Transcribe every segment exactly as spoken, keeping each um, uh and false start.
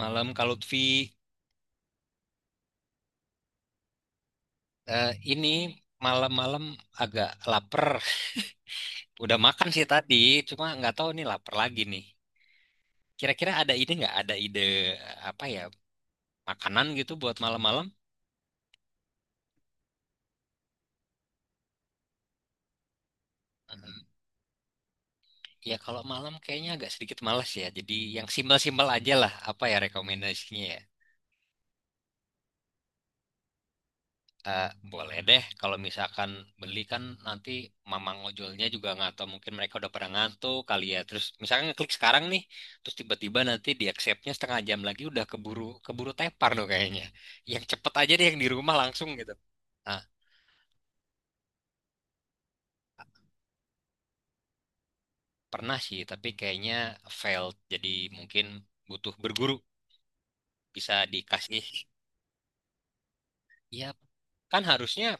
Malam Kak Lutfi. Eh, ini malam-malam agak lapar. Udah makan sih tadi, cuma nggak tahu nih lapar lagi nih. Kira-kira ada ide nggak? Ada ide eh, apa ya makanan gitu buat malam-malam? Hmm, ya kalau malam kayaknya agak sedikit malas ya. Jadi yang simpel-simpel aja lah. Apa ya rekomendasinya, ya? Eh, boleh deh, kalau misalkan beli kan nanti mamang ojolnya juga nggak tahu, mungkin mereka udah pernah ngantuk kali ya. Terus misalkan ngeklik sekarang nih, terus tiba-tiba nanti di accept-nya setengah jam lagi udah keburu keburu tepar dong kayaknya. Yang cepet aja deh yang di rumah langsung gitu. Nah, pernah sih, tapi kayaknya failed. Jadi mungkin butuh berguru bisa dikasih. Ya, kan harusnya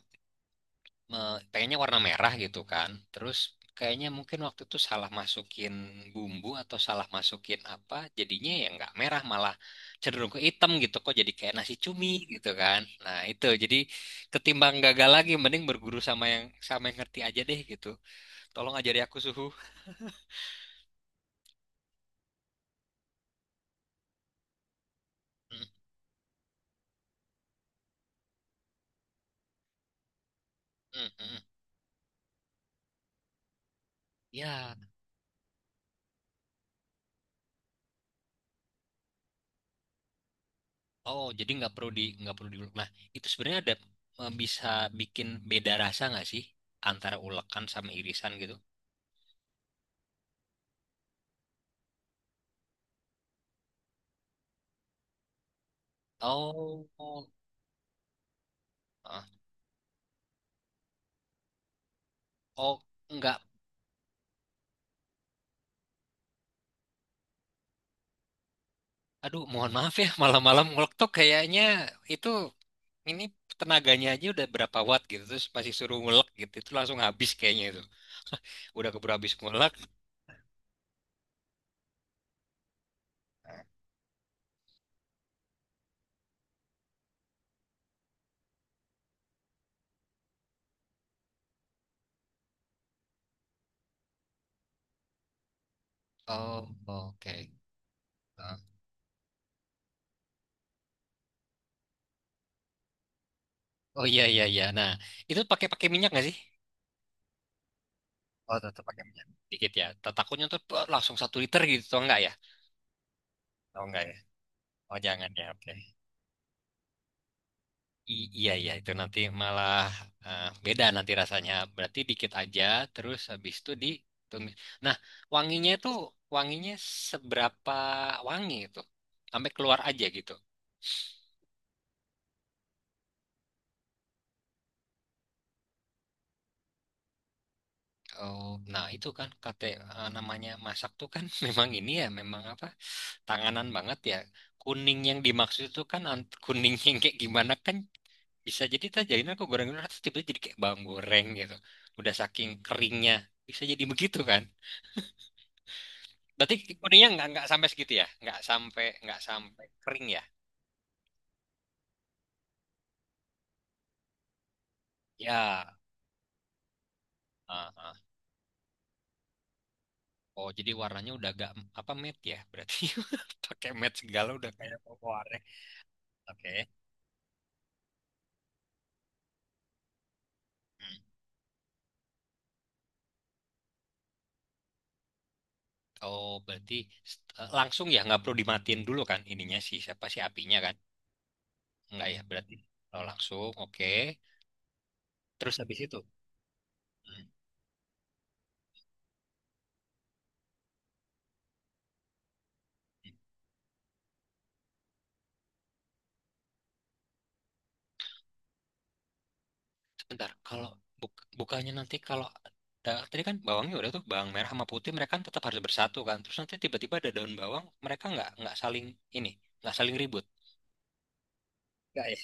me- pengennya warna merah gitu kan. Terus kayaknya mungkin waktu itu salah masukin bumbu atau salah masukin apa, jadinya ya nggak merah, malah cenderung ke hitam gitu, kok jadi kayak nasi cumi gitu kan. Nah, itu jadi ketimbang gagal lagi mending berguru sama yang sama yang ngerti aja deh gitu. Tolong ajari aku, suhu. Mm, mm, mm. Ya, oh jadi nggak perlu di nggak perlu diulek. Nah, itu sebenarnya ada eh, bisa bikin beda rasa nggak sih antara ulekan sama irisan gitu? Oh, oh. Oh, enggak. Aduh, mohon maaf ya, malam-malam ngulek tuh kayaknya itu ini tenaganya aja udah berapa watt gitu, terus masih suruh ngulek gitu, itu langsung habis kayaknya itu. Udah keburu habis ngulek. Oh, oke. Ah. Oh, iya iya iya. Nah, itu pakai pakai minyak nggak sih? Oh, tetap pakai minyak. Dikit ya. Takutnya tuh bah, langsung satu liter gitu, atau enggak ya? Oh, enggak ya. Oh, jangan ya, oke. I- iya iya itu nanti malah eh, beda nanti rasanya. Berarti dikit aja terus habis itu ditumis. Nah, wanginya itu wanginya seberapa wangi itu? Sampai keluar aja gitu. Oh, nah itu kan kate eh, namanya masak tuh kan memang ini ya, memang apa? Tanganan banget ya. Kuning yang dimaksud itu kan ant- kuning yang kayak gimana kan, bisa jadi tak jadinya aku goreng-goreng terus tiba-tiba jadi kayak bawang goreng gitu. Udah saking keringnya bisa jadi begitu kan? Berarti kuningnya nggak nggak sampai segitu ya? Nggak sampai nggak sampai kering ya? Ya. Ah, ah. Oh, jadi warnanya udah agak apa, matte ya? Berarti pakai matte segala udah kayak pewarna. Oke. Hmm. Oh, berarti eh, langsung ya, nggak perlu dimatiin dulu kan ininya sih, siapa sih, apinya kan? Nggak ya berarti. Oh, langsung. Oke. Terus habis itu. Hmm. Sebentar, kalau buk- bukannya nanti kalau da- tadi kan bawangnya udah tuh, bawang merah sama putih mereka kan tetap harus bersatu kan. Terus nanti tiba-tiba ada daun bawang, mereka nggak nggak saling ini nggak saling ribut. Enggak ya?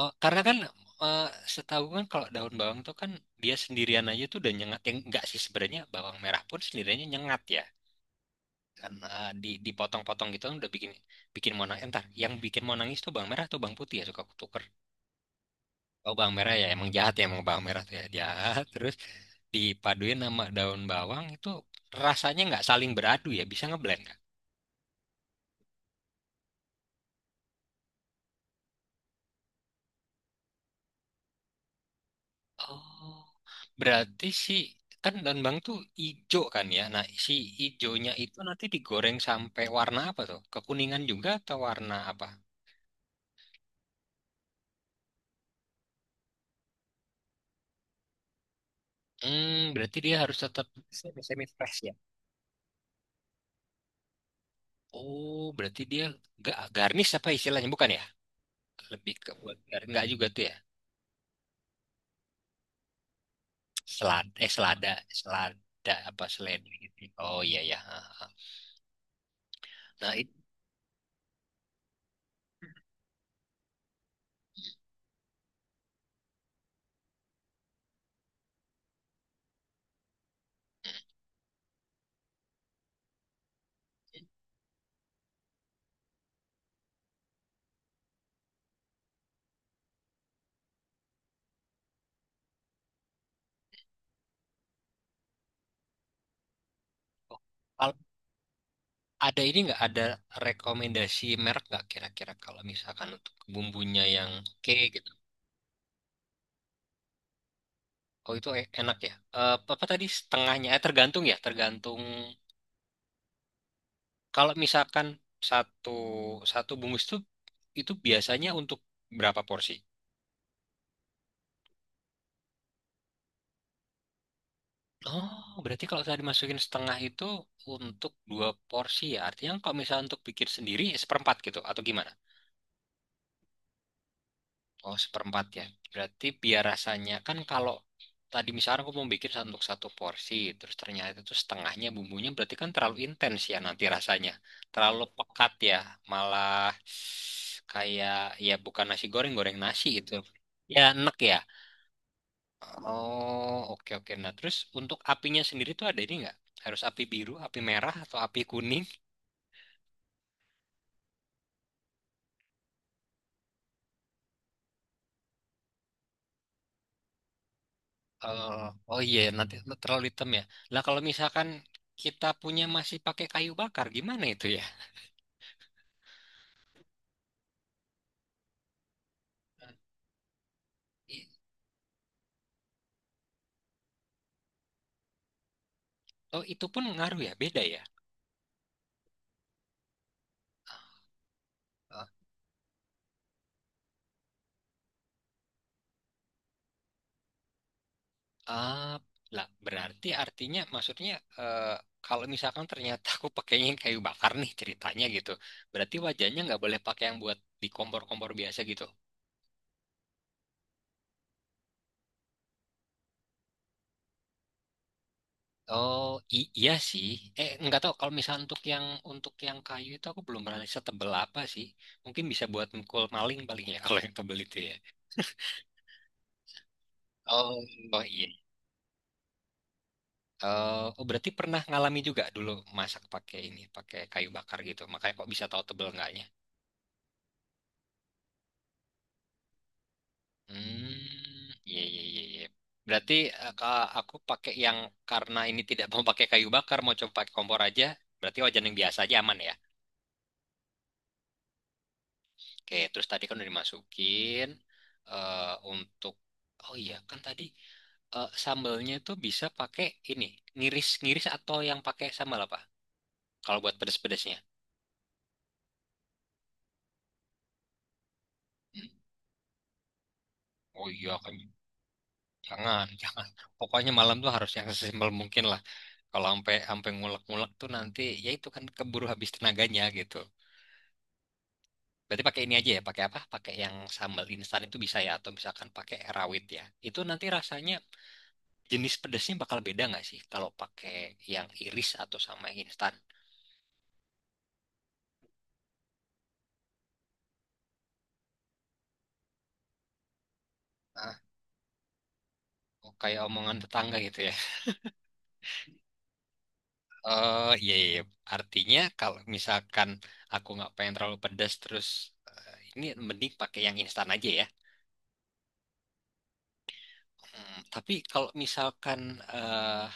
Oh, karena kan eh, setahu kan kalau daun bawang tuh kan dia sendirian aja tuh udah nyengat, yang nggak sih sebenarnya, bawang merah pun sendiriannya nyengat ya karena di dipotong-potong gitu kan udah bikin bikin mau nangis entar, yang bikin mau nangis tuh bawang merah atau bawang putih ya, suka kutuker. Oh, bawang merah ya, emang jahat ya, emang bawang merah tuh ya jahat. Terus dipaduin sama daun bawang itu rasanya nggak saling beradu ya, bisa ngeblend nggak? Oh, berarti si kan daun bawang tuh ijo kan ya. Nah, si ijonya itu nanti digoreng sampai warna apa tuh? Kekuningan juga atau warna apa? Hmm, berarti dia harus tetap semi semi fresh ya. Oh, berarti dia gak garnish, apa istilahnya bukan ya? Lebih ke buat gar- nggak juga tuh ya? Selada, eh selada, selada apa selada gitu. Oh iya ya. Ha, ha. Nah, itu Al- ada ini nggak, ada rekomendasi merek nggak kira-kira kalau misalkan untuk bumbunya yang oke gitu. Oh itu e- enak ya. Eh, apa tadi setengahnya? Eh, tergantung ya, tergantung. Kalau misalkan satu satu bungkus itu itu biasanya untuk berapa porsi? Oh, berarti kalau saya dimasukin setengah itu untuk dua porsi ya. Artinya kalau misalnya untuk bikin sendiri seperempat gitu atau gimana? Oh, seperempat ya. Berarti biar rasanya kan, kalau tadi misalnya aku mau bikin satu- untuk satu porsi, terus ternyata itu setengahnya bumbunya berarti kan terlalu intens ya nanti rasanya. Terlalu pekat ya, malah kayak ya bukan nasi goreng, goreng nasi gitu. Ya enek ya. Oh, oke oke. Nah, terus untuk apinya sendiri tuh ada ini nggak? Harus api biru, api merah, atau api kuning? Eh, oh iya, nanti terlalu hitam ya. Lah kalau misalkan kita punya masih pakai kayu bakar, gimana itu ya? I- Oh, itu pun ngaruh ya, beda ya. Ah, ah, lah berarti artinya maksudnya eh, kalau misalkan ternyata aku pakainya yang kayu bakar nih ceritanya gitu. Berarti wajahnya nggak boleh pakai yang buat di kompor-kompor biasa gitu. Oh, i- iya sih. Eh, nggak tahu kalau misalnya untuk yang untuk yang kayu itu aku belum pernah riset tebel apa sih. Mungkin bisa buat mukul maling paling ya kalau yang tebel itu ya. Oh, oh iya. Eh, oh berarti pernah ngalami juga dulu masak pakai ini, pakai kayu bakar gitu. Makanya kok bisa tahu tebel enggaknya. Hmm, iya iya iya iya. Berarti eh, ka- aku pakai yang, karena ini tidak mau pakai kayu bakar, mau coba pakai kompor aja. Berarti wajan yang biasa aja aman ya. Oke, terus tadi kan udah dimasukin eh untuk oh iya, kan tadi eh, sambalnya tuh bisa pakai ini, ngiris-ngiris atau yang pakai sambal apa? Kalau buat pedes-pedesnya. Hmm. Oh iya, kan. Jangan, jangan. Pokoknya malam tuh harus yang sesimpel mungkin lah. Kalau sampai sampai ngulek-ngulek tuh nanti ya itu kan keburu habis tenaganya gitu. Berarti pakai ini aja ya, pakai apa? Pakai yang sambal instan itu bisa ya atau misalkan pakai rawit ya. Itu nanti rasanya, jenis pedesnya bakal beda nggak sih kalau pakai yang iris atau sama yang instan? Ah, oh, kayak omongan tetangga gitu ya. Eh, iya, iya. Iya. Artinya kalau misalkan aku nggak pengen terlalu pedas, terus eh, ini mending pakai yang instan aja ya. Hmm, tapi kalau misalkan eh,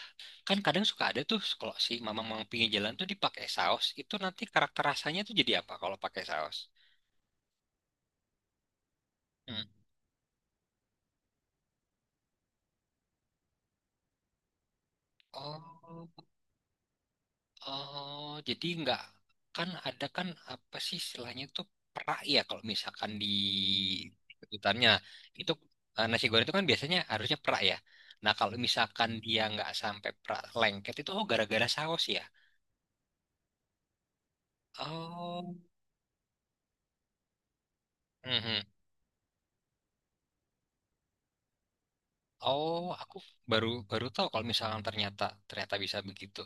kan kadang suka ada tuh kalau si mamang-mamang pinggir jalan tuh dipakai saus, itu nanti karakter rasanya tuh jadi apa kalau pakai saus? Hmm. Oh, oh, jadi nggak, kan ada kan apa sih istilahnya tuh perak ya kalau misalkan di hutannya itu eh, nasi goreng itu kan biasanya harusnya perak ya. Nah kalau misalkan dia nggak sampai perak lengket itu, oh gara-gara saus ya. Oh, mhm. Oh, aku baru baru tahu kalau misalnya ternyata ternyata bisa begitu.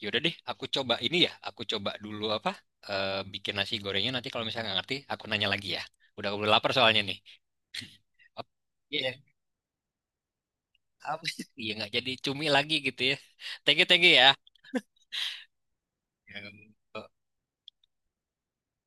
Yaudah deh, aku coba ini ya. Aku coba dulu apa eh, bikin nasi gorengnya. Nanti kalau misalnya nggak ngerti, aku nanya lagi ya. Udah udah lapar soalnya nih. Ap- Iya, apa? Iya nggak jadi cumi lagi gitu ya. Thank you, thank you ya. Ya.